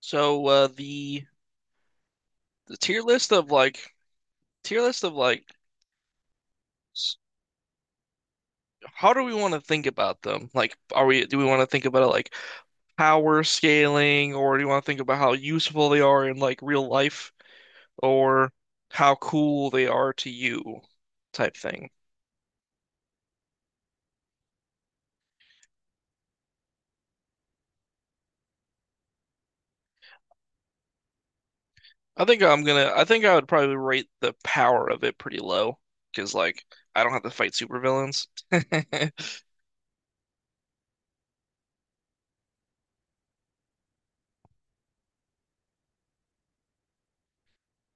So the tier list of like tier list of like s- how do we want to think about them? Like, are we do we want to think about it like power scaling, or do you want to think about how useful they are in like real life, or how cool they are to you, type thing? I think I'm gonna. I think I would probably rate the power of it pretty low because like I don't have to fight supervillains.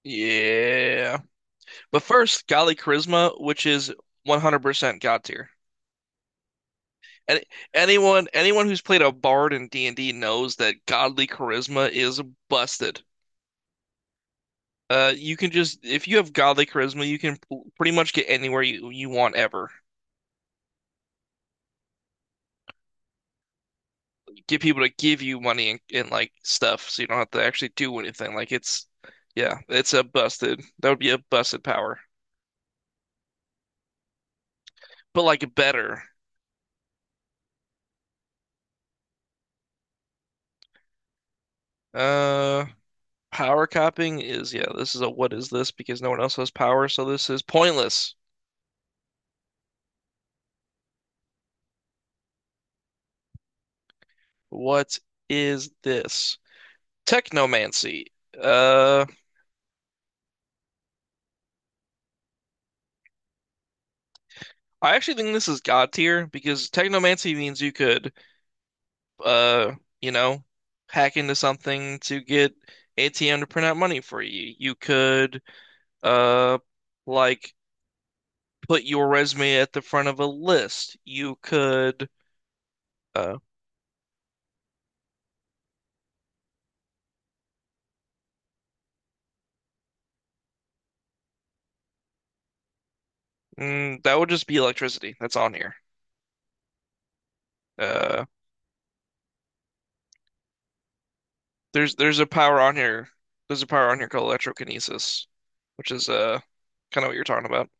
Yeah, but first, Golly Charisma, which is 100% God tier. Any, anyone who's played a bard in D&D knows that godly charisma is busted. You can just if you have godly charisma, you can pretty much get anywhere you want ever. Get people to give you money and like stuff, so you don't have to actually do anything. Like it's yeah, it's a busted. That would be a busted power, but like better. Uh, Power copying is yeah. This is a what is this? Because no one else has power, so this is pointless. What is this? Technomancy. Uh, I actually think this is God tier because technomancy means you could, uh, you know, hack into something to get ATM to print out money for you. You could, uh, like put your resume at the front of a list. Uh, that would just be electricity. That's on here. Uh, there's there's a power on here. There's a power on here called electrokinesis, which is kind of what you're talking about.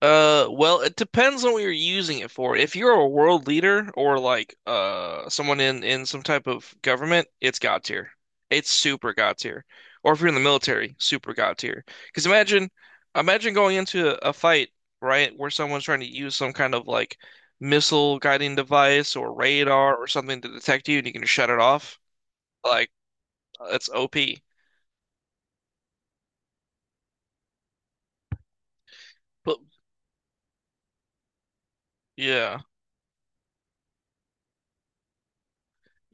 Well, it depends on what you're using it for. If you're a world leader or like someone in some type of government, it's God tier. It's super God tier. Or if you're in the military, super God tier. Imagine going into a fight, right, where someone's trying to use some kind of like missile guiding device or radar or something to detect you, and you can just shut it off. Like that's OP. But yeah,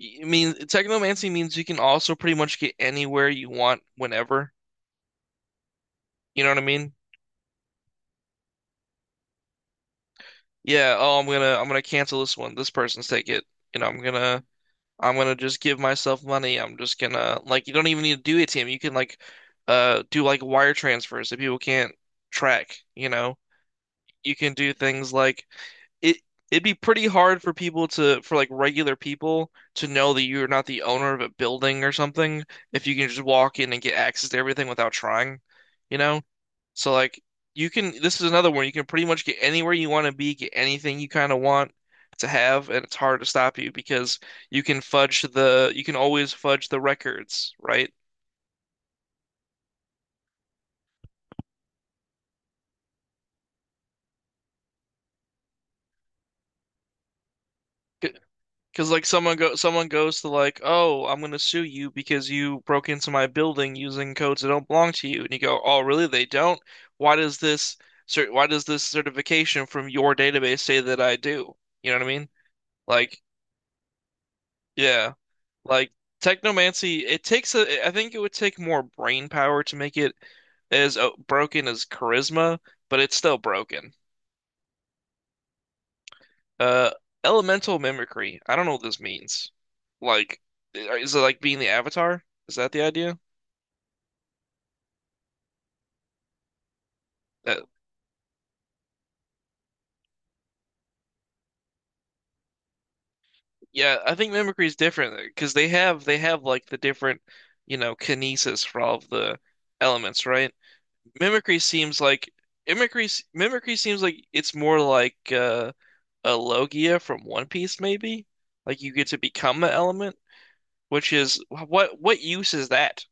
I mean, technomancy means you can also pretty much get anywhere you want whenever. You know what I mean? Yeah, oh, I'm gonna cancel this one. This person's take it. You know, I'm gonna just give myself money. I'm just gonna like you don't even need to do ATM. You can like do like wire transfers that people can't track, you know. You can do things like it it'd be pretty hard for people to for like regular people to know that you're not the owner of a building or something if you can just walk in and get access to everything without trying, you know? So like you can this is another one you can pretty much get anywhere you want to be, get anything you kind of want to have, and it's hard to stop you because you can always fudge the records, right? Because like someone goes to like, oh, I'm gonna sue you because you broke into my building using codes that don't belong to you, and you go, oh, really? They don't? Why does this why does this certification from your database say that I do? You know what I mean? Like, yeah, like technomancy. It takes a. I think it would take more brain power to make it as broken as charisma, but it's still broken. Uh, Elemental mimicry. I don't know what this means. Like, is it like being the avatar? Is that the idea? That, yeah, I think mimicry is different because they have like the different, you know, kinesis for all of the elements, right? Mimicry seems like mimicry mimicry seems like it's more like a Logia from One Piece, maybe. Like you get to become an element, which is what use is that?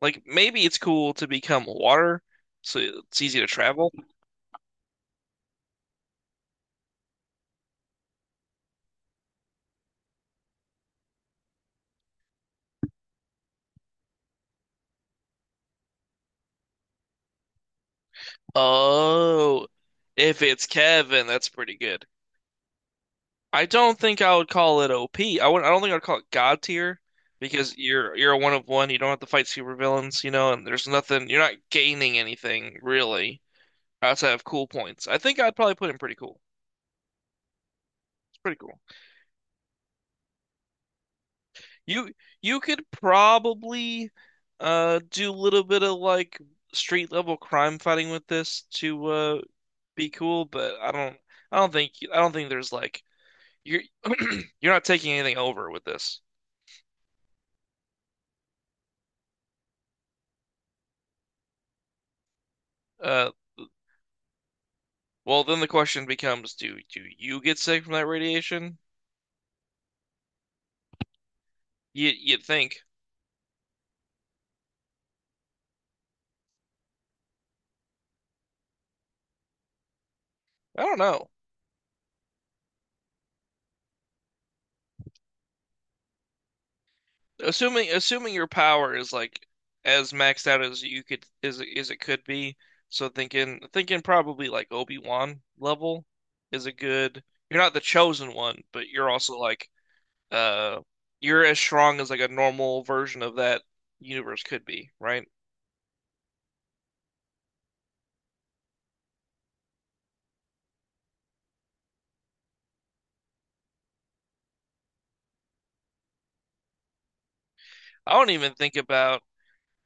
Like maybe it's cool to become water, so it's easy to travel. Oh, if it's Kevin, that's pretty good. I don't think I would call it OP. I don't think I'd call it God tier because you're a one of one. You don't have to fight supervillains, you know, and there's nothing. You're not gaining anything really outside of cool points. I think I'd probably put him pretty cool. It's pretty cool. You could probably do a little bit of like street level crime fighting with this to be cool, but I don't think there's like you're you're not taking anything over with this. Uh, well, then the question becomes, do you get sick from that radiation? You you'd think. I don't know. Assuming your power is like as maxed out as you could is it could be. So thinking probably like Obi-Wan level is a good. You're not the chosen one, but you're also like uh you're as strong as like a normal version of that universe could be, right? I don't even think about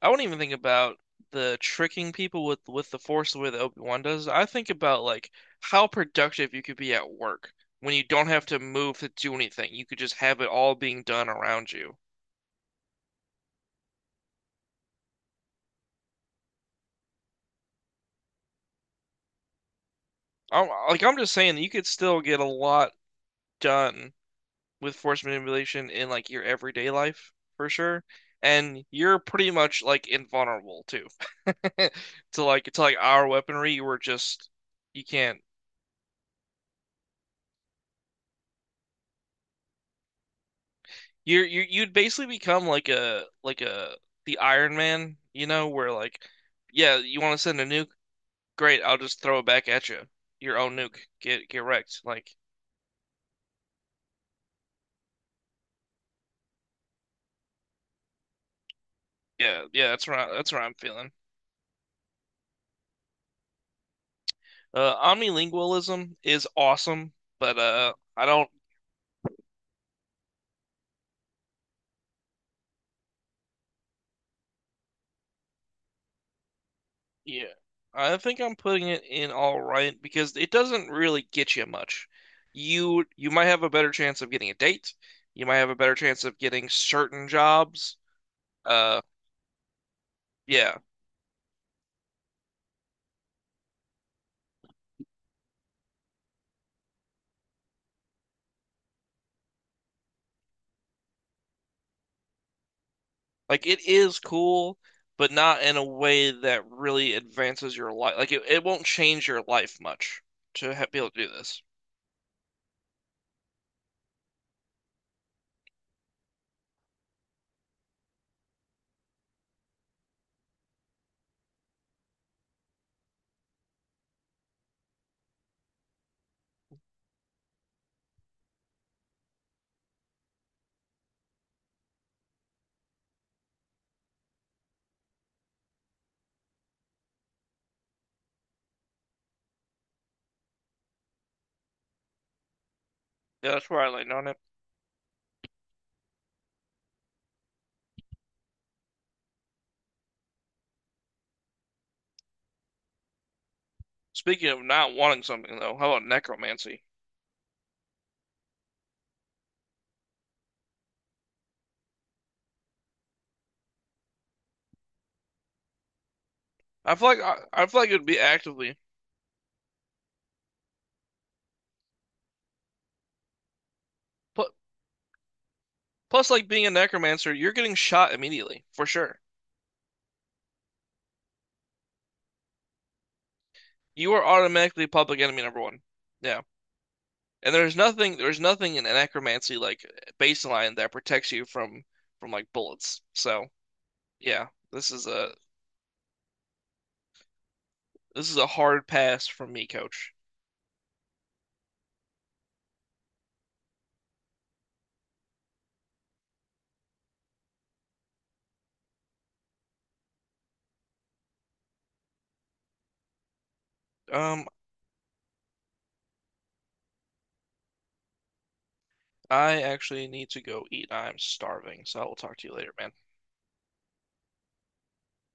I won't even think about the tricking people with the force the way that Obi-Wan does. I think about like how productive you could be at work when you don't have to move to do anything. You could just have it all being done around you. Like I'm just saying, you could still get a lot done with force manipulation in like your everyday life for sure. And you're pretty much like invulnerable too to like our weaponry. You were just you can't. You're you you'd basically become like a the Iron Man, you know, where like, yeah, you want to send a nuke? Great, I'll just throw it back at you. Your own nuke. Get wrecked. Like, yeah, yeah, that's what that's what I'm feeling. Omnilingualism is awesome, but I don't. Yeah, I think I'm putting it in all right because it doesn't really get you much. You might have a better chance of getting a date. You might have a better chance of getting certain jobs. Uh, yeah. Like it is cool, but not in a way that really advances your life. Like it won't change your life much to ha be able to do this. Yeah, that's where I land on it. Speaking of not wanting something though, how about necromancy? I feel like it would be actively. Plus, plus, like being a necromancer, you're getting shot immediately for sure. You are automatically public enemy number one. Yeah, and there's nothing in necromancy like baseline that protects you from like bullets. Yeah, this is a This is a hard pass from me, coach. Um, I actually need to go eat. I'm starving, so I will talk to you later, man.